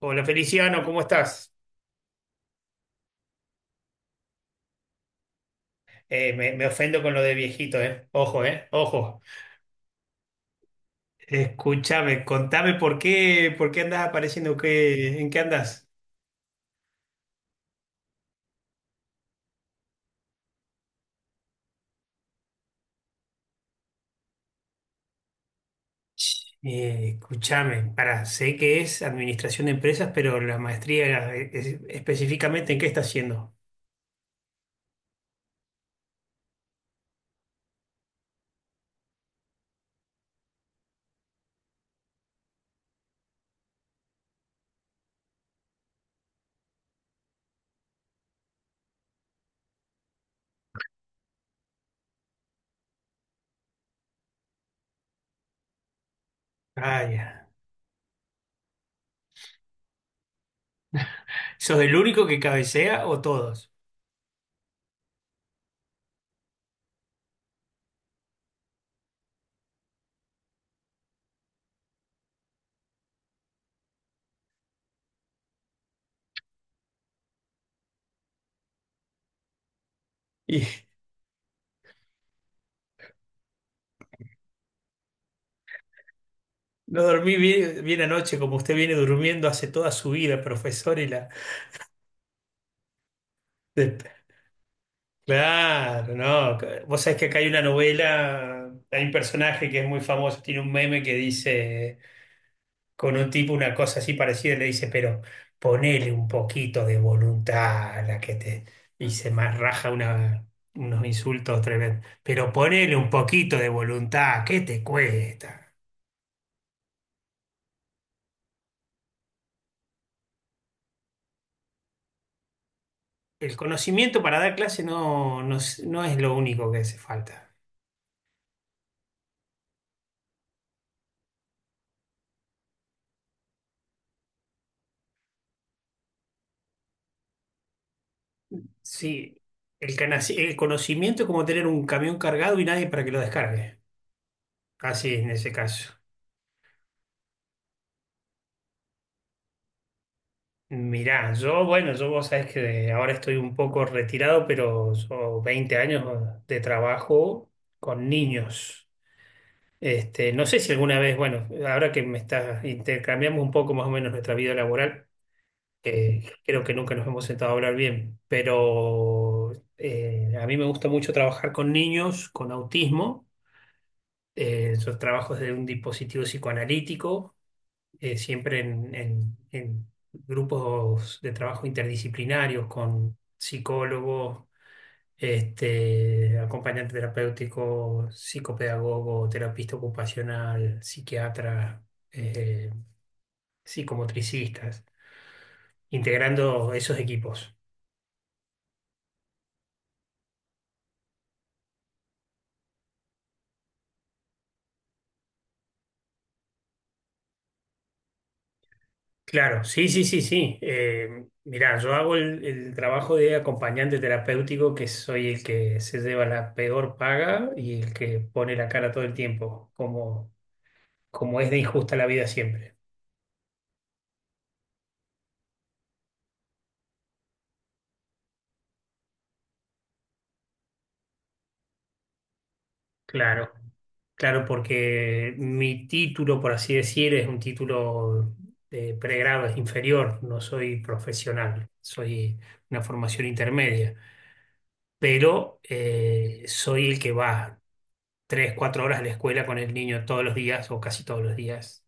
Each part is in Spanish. Hola Feliciano, ¿cómo estás? Me ofendo con lo de viejito, ¿eh? Ojo, ¿eh? Ojo. Escúchame, contame por qué andás apareciendo, qué, ¿en qué andás? Escúchame, para, sé que es administración de empresas, pero la maestría específicamente, ¿en qué estás haciendo? Ah, ya. ¿Sos el único que cabecea o todos? Y no dormí bien anoche, como usted viene durmiendo hace toda su vida, profesor, y la... Claro, no. Vos sabés que acá hay una novela, hay un personaje que es muy famoso, tiene un meme que dice con un tipo una cosa así parecida, le dice, pero ponele un poquito de voluntad a la que te hice más raja una, unos insultos tremendos. Pero ponele un poquito de voluntad, ¿qué te cuesta? El conocimiento para dar clase no es lo único que hace falta. Sí, el conocimiento es como tener un camión cargado y nadie para que lo descargue. Así es, en ese caso. Mirá, yo, bueno, yo vos sabés que ahora estoy un poco retirado, pero yo 20 años de trabajo con niños. Este, no sé si alguna vez, bueno, ahora que me estás, intercambiamos un poco más o menos nuestra vida laboral, que creo que nunca nos hemos sentado a hablar bien, pero a mí me gusta mucho trabajar con niños con autismo. Yo trabajo desde un dispositivo psicoanalítico siempre en grupos de trabajo interdisciplinarios con psicólogos, este, acompañante terapéutico, psicopedagogo, terapista ocupacional, psiquiatra, eh, psicomotricistas, integrando esos equipos. Claro, sí, sí, sí, sí. Mirá, yo hago el trabajo de acompañante terapéutico, que soy el que se lleva la peor paga y el que pone la cara todo el tiempo, como, como es de injusta la vida siempre. Claro, claro, porque mi título, por así decir, es un título de pregrado, es inferior, no soy profesional, soy una formación intermedia, pero soy el que va. Tres, cuatro horas a la escuela con el niño todos los días o casi todos los días.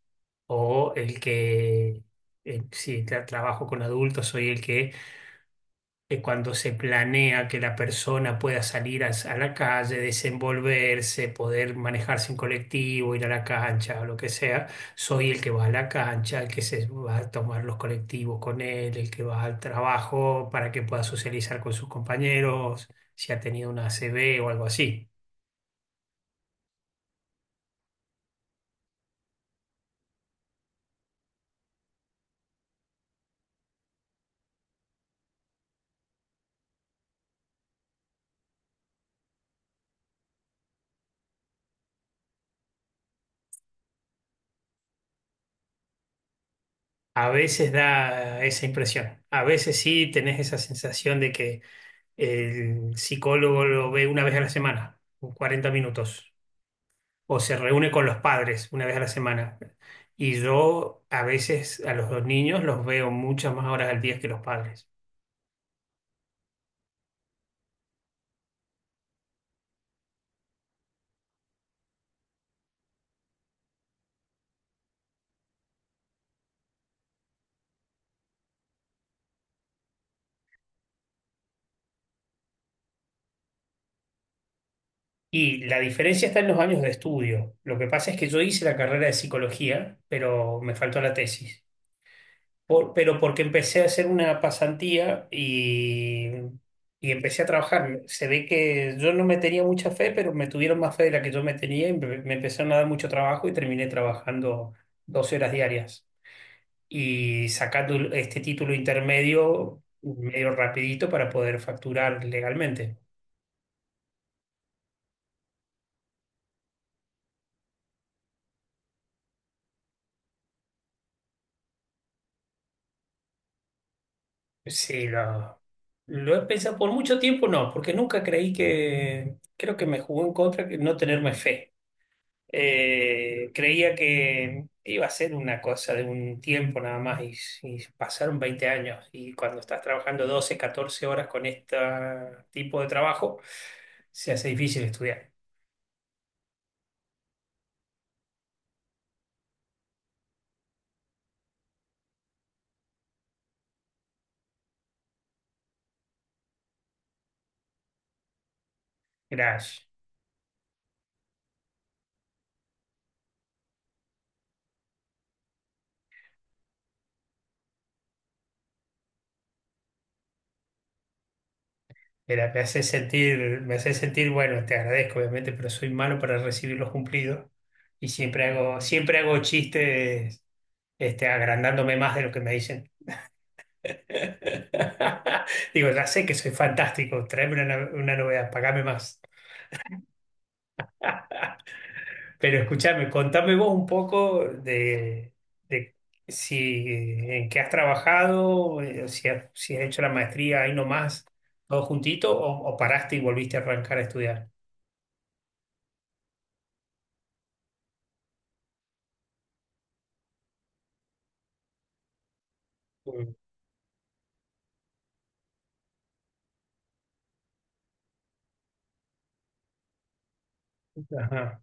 O el que, si trabajo con adultos, soy el que cuando se planea que la persona pueda salir a la calle, desenvolverse, poder manejarse en colectivo, ir a la cancha o lo que sea, soy el que va a la cancha, el que se va a tomar los colectivos con él, el que va al trabajo para que pueda socializar con sus compañeros, si ha tenido una ACV o algo así. A veces da esa impresión. A veces sí tenés esa sensación de que el psicólogo lo ve una vez a la semana, 40 minutos, o se reúne con los padres una vez a la semana. Y yo a veces a los dos niños los veo muchas más horas al día que los padres. Y la diferencia está en los años de estudio. Lo que pasa es que yo hice la carrera de psicología, pero me faltó la tesis. Pero porque empecé a hacer una pasantía y empecé a trabajar. Se ve que yo no me tenía mucha fe, pero me tuvieron más fe de la que yo me tenía y me empezaron a dar mucho trabajo y terminé trabajando 12 horas diarias y sacando este título intermedio medio rapidito para poder facturar legalmente. Sí, lo he pensado por mucho tiempo, no, porque nunca creí que, creo que me jugó en contra que no tenerme fe. Creía que iba a ser una cosa de un tiempo nada más y pasaron 20 años y cuando estás trabajando 12 14 horas con este tipo de trabajo, se hace difícil estudiar. Gracias. Mira, me hace sentir, bueno, te agradezco obviamente, pero soy malo para recibir los cumplidos y siempre hago chistes, este, agrandándome más de lo que me dicen. Digo, ya sé que soy fantástico, tráeme una, no- una novedad, pagame más. Pero escúchame, contame vos un poco de si en qué has trabajado, si has, si has hecho la maestría ahí nomás, todo juntito, o paraste y volviste a arrancar a estudiar. Mm. Ajá.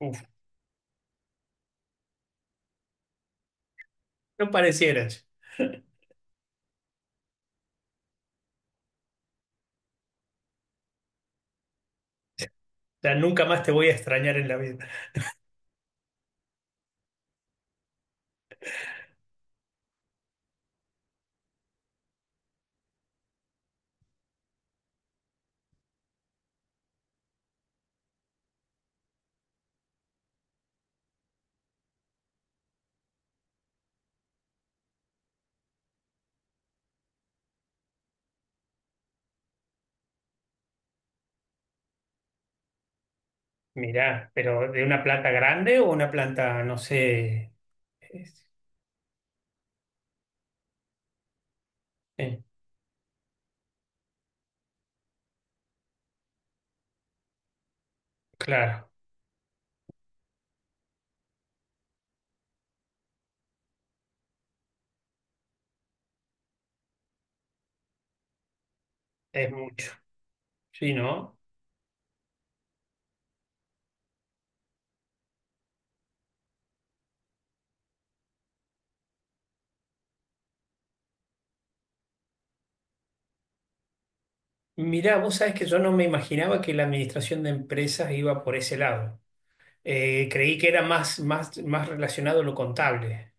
Uf, no parecieras. Ya nunca más te voy a extrañar en la vida. Mirá, pero de una planta grande o una planta, no sé. es- eh, claro, es mucho. Sí, ¿no? Mirá, vos sabés que yo no me imaginaba que la administración de empresas iba por ese lado. Creí que era más, más, más relacionado a lo contable.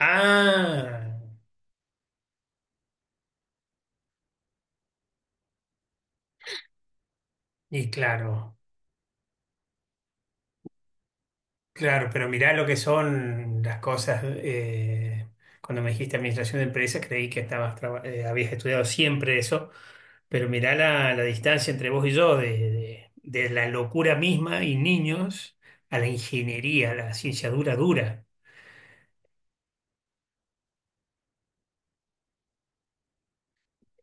Ah, y claro, claro, pero mirá lo que son las cosas. Cuando me dijiste administración de empresas, creí que estabas habías estudiado siempre eso, pero mirá la distancia entre vos y yo de la locura misma y niños a la ingeniería, a la ciencia dura, dura.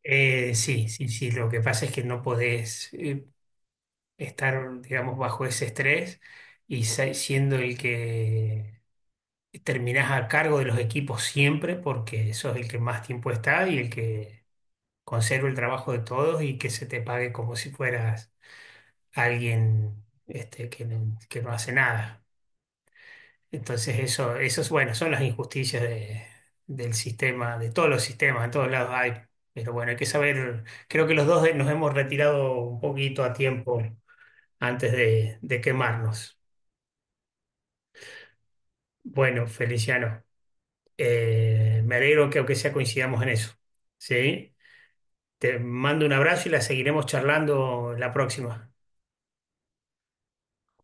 Sí, sí, sí, lo que pasa es que no podés. Estar, digamos, bajo ese estrés y siendo el que terminás a cargo de los equipos siempre porque sos el que más tiempo está y el que conserva el trabajo de todos y que se te pague como si fueras alguien este, que no hace nada. Entonces eso es bueno, son las injusticias del sistema, de todos los sistemas, en todos lados hay. Pero bueno, hay que saber, creo que los dos nos hemos retirado un poquito a tiempo antes de quemarnos. Bueno, Feliciano, me alegro que aunque sea coincidamos en eso, ¿sí? Te mando un abrazo y la seguiremos charlando la próxima.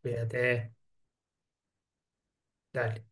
Cuídate, dale.